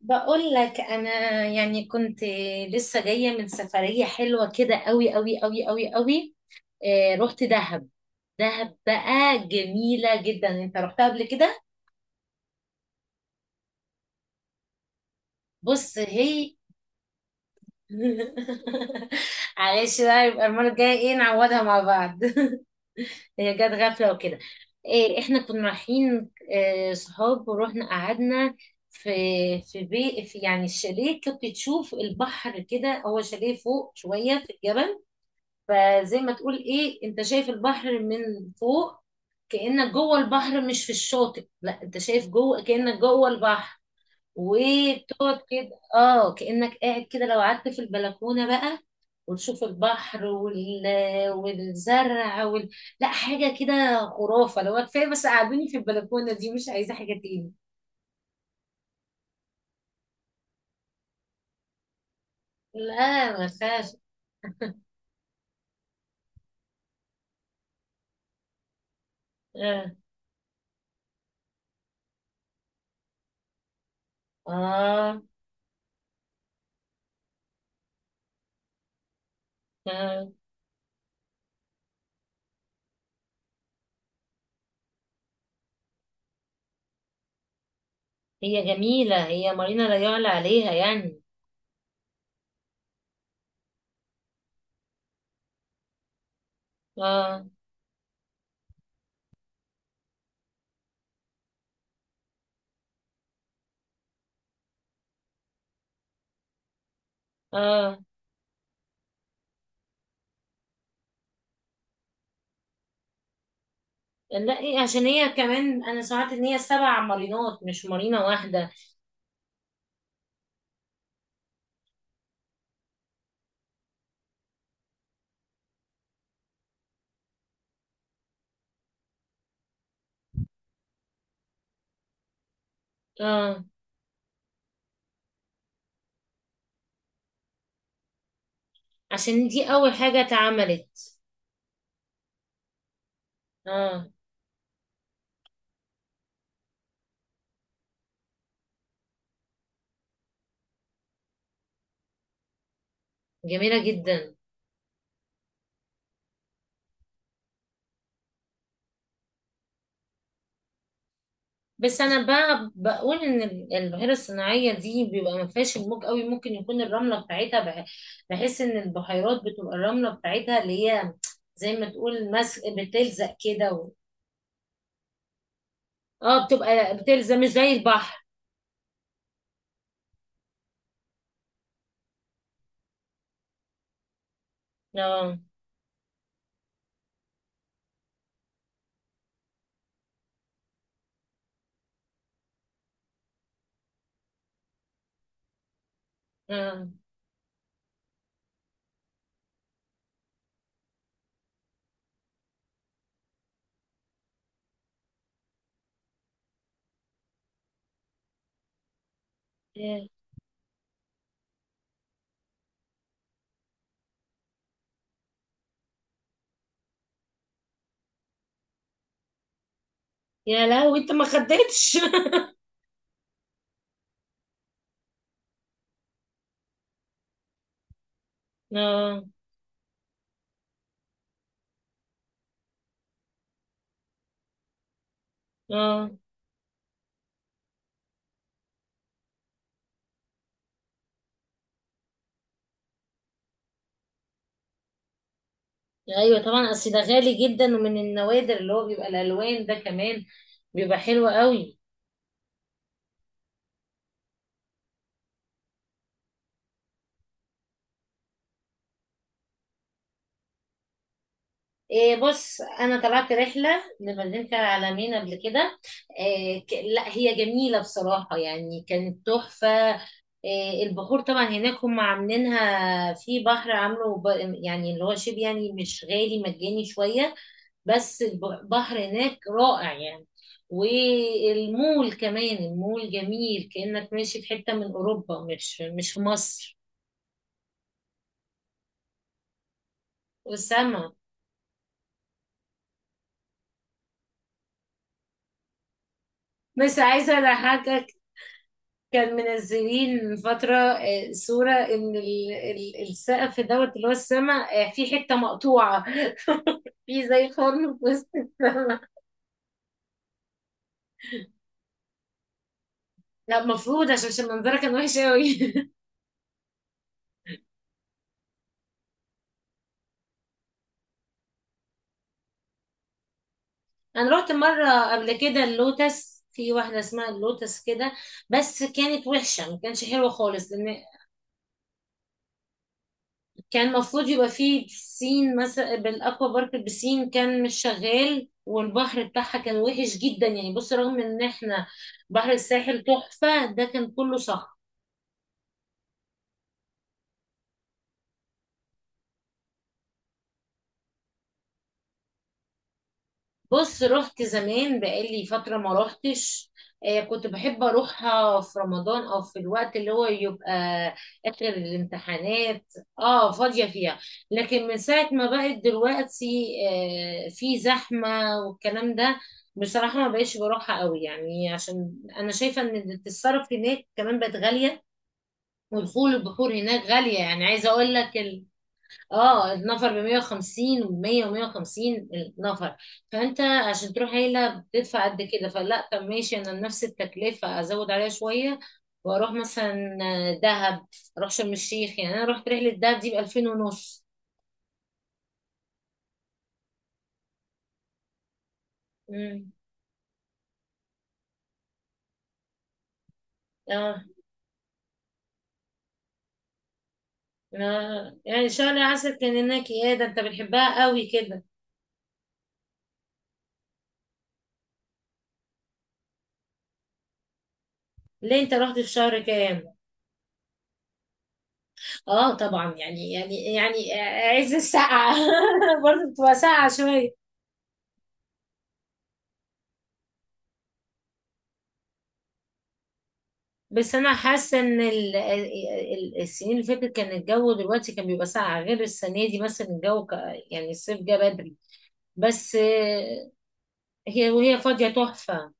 بقول لك انا كنت لسه جايه من سفريه حلوه كده قوي قوي قوي قوي قوي. آه، رحت دهب. دهب بقى جميله جدا. انت رحتها قبل كده؟ بص، هي. معلش بقى، يبقى المره الجايه ايه نعوضها مع بعض. هي جت غفله وكده. إيه، احنا كنا رايحين صحاب، ورحنا قعدنا في في بي في، يعني الشاليه كنت تشوف البحر كده، هو شاليه فوق شويه في الجبل. فزي ما تقول ايه، انت شايف البحر من فوق، كأنك جوه البحر مش في الشاطئ، لا انت شايف جوه كأنك جوه البحر. وبتقعد كده اه، كأنك قاعد كده لو قعدت في البلكونة بقى، وتشوف البحر والزرع لا، حاجة كده خرافة. لو كفاية بس قعدوني في البلكونة دي، مش عايزة حاجة تاني. لا ما فيهاش. آه. آه. اه، هي جميلة، هي مارينا لا يعلى عليها يعني. اه، اه، لا عشان هي كمان انا سمعت ان هي سبع مارينات مش مارينا واحده. اه، عشان دي اول حاجه اتعملت. اه، جميله جدا. بس انا بقى بقول ان البحيره الصناعيه دي بيبقى ما فيهاش الموج قوي، ممكن يكون الرمله بتاعتها بحس ان البحيرات بتبقى الرمله بتاعتها اللي هي زي ما تقول مس، بتلزق كده اه، بتبقى بتلزق مش زي البحر. اه، اه، يا يا لهوي، انت ما خدتش؟ اه، اه، ايوه طبعا، اصل ده غالي جدا ومن النوادر، اللي هو بيبقى الالوان ده كمان بيبقى حلو قوي. إيه، بص، انا طلعت رحله لمدينه العلمين قبل كده. إيه لا، هي جميله بصراحه، يعني كانت تحفه. إيه، البحور طبعا هناك هم عاملينها في بحر، عامله يعني اللي هو شبه، يعني مش غالي، مجاني شويه. بس البحر هناك رائع يعني. والمول كمان، المول جميل كأنك ماشي في حتة من أوروبا، مش في مصر. والسما. بس عايزة أضحكك، كان منزلين من فترة صورة إن السقف دوت اللي هو السما، في حتة مقطوعة، في زي خرم في وسط السما. لا، المفروض عشان منظرها كان وحش قوي. انا رحت مره قبل كده اللوتس، في واحده اسمها اللوتس كده، بس كانت وحشه، ما كانش حلوه خالص، لان كان المفروض يبقى فيه بسين مثلا، بالاكوا بارك، البسين كان مش شغال، والبحر بتاعها كان وحش جدا يعني، بص رغم ان احنا بحر الساحل تحفه، ده كان كله صخر. بص، رحت زمان بقالي فترة ما روحتش. كنت بحب أروحها في رمضان، أو في الوقت اللي هو يبقى آخر الامتحانات. اه، فاضية فيها. لكن من ساعة ما بقت دلوقتي في زحمة والكلام ده، بصراحة ما بقيتش بروحها قوي، يعني عشان أنا شايفة إن التصرف هناك كمان بقت غالية، ودخول البحور هناك غالية. يعني عايزة أقول لك، اه، النفر ب 150 و100 و150 النفر. فانت عشان تروح عيله بتدفع قد كده، فلا، طب ماشي، انا نفس التكلفه ازود عليها شويه واروح مثلا دهب، اروح شرم الشيخ. يعني انا رحت رحله دهب دي ب 2000 ونص. امم اه. آه. يعني شهر عسل كان هناك؟ ايه ده، انت بتحبها قوي كده؟ ليه، انت رحت في شهر كام؟ اه طبعا، يعني عز السقعه. برضه بتبقى ساقعه شويه. بس انا حاسه ان السنين اللي فاتت كان الجو دلوقتي كان بيبقى ساقع، غير السنه دي مثلا الجو يعني الصيف جه بدري. بس هي وهي فاضيه تحفه.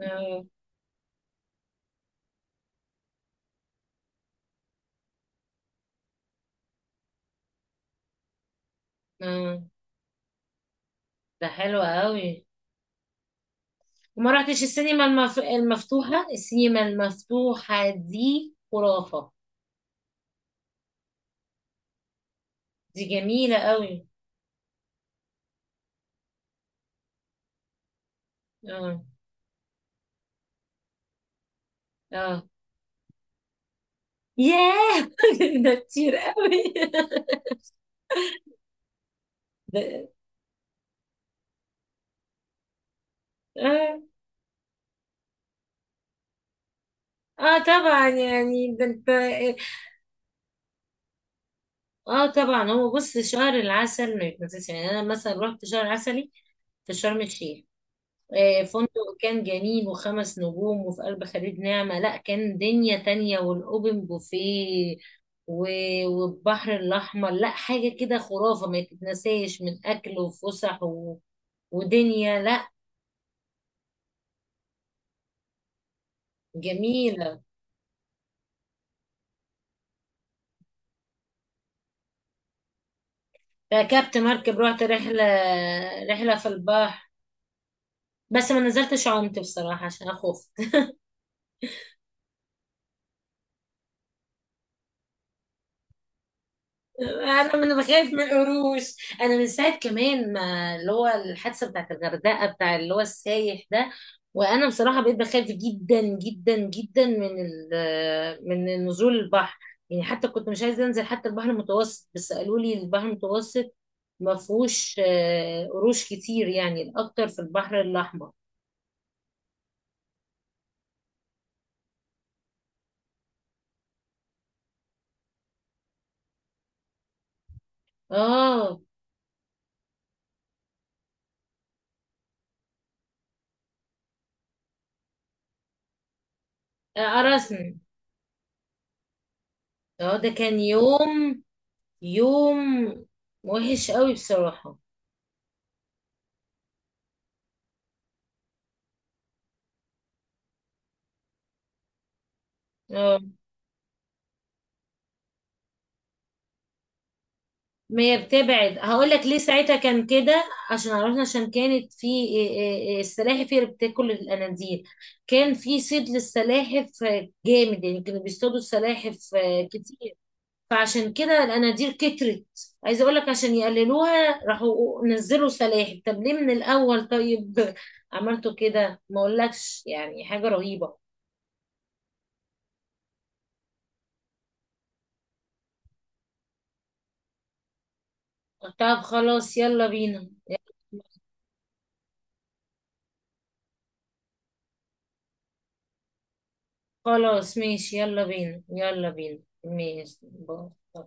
آه، آه، ده حلو قوي. وما رحتش السينما المفتوحه؟ السينما المفتوحه دي خرافه، دي جميله قوي. اه، اه، ياه، ده كتير قوي. ده- اه، اه طبعا، يعني ده انت. اه طبعا، هو بص شهر العسل ما يتنسيش يعني. انا مثلا رحت شهر عسلي في شرم الشيخ، فندق كان جميل، وخمس نجوم، وفي قلب خليج نعمة، لا كان دنيا تانية، والاوبن بوفيه والبحر الاحمر، لا حاجة كده خرافة، ما يتنساش من اكل وفسح ودنيا، لا جميلة. ركبت مركب، رحت رحلة، رحلة في البحر، بس ما نزلتش عمت بصراحة عشان اخوف. انا من بخاف من القروش، انا من ساعه كمان ما اللي هو الحادثه بتاعت الغردقه بتاع اللي هو السايح ده، وانا بصراحه بقيت بخاف جدا جدا جدا من من نزول البحر. يعني حتى كنت مش عايزه انزل حتى البحر المتوسط، بس قالوا لي البحر المتوسط ما فيهوش قروش كتير، يعني الاكتر في البحر الاحمر. اه، قرصني. اه، ده كان يوم، يوم وحش قوي بصراحه. آه. ما هي بتبعد، هقول لك ليه ساعتها كان كده، عشان عرفنا، عشان كانت في إيه- إيه- إيه، السلاحف هي اللي بتاكل الاناديل. كان في صيد للسلاحف جامد، يعني كانوا بيصطادوا السلاحف كتير، فعشان كده الاناديل كترت. عايزه اقول لك، عشان يقللوها راحوا نزلوا سلاحف، طب ليه من الاول طيب؟ عملتوا كده، ما اقولكش يعني حاجه رهيبه. طب خلاص، يلا بينا. خلاص ماشي، يلا بينا، يلا بينا. ماشي، باي.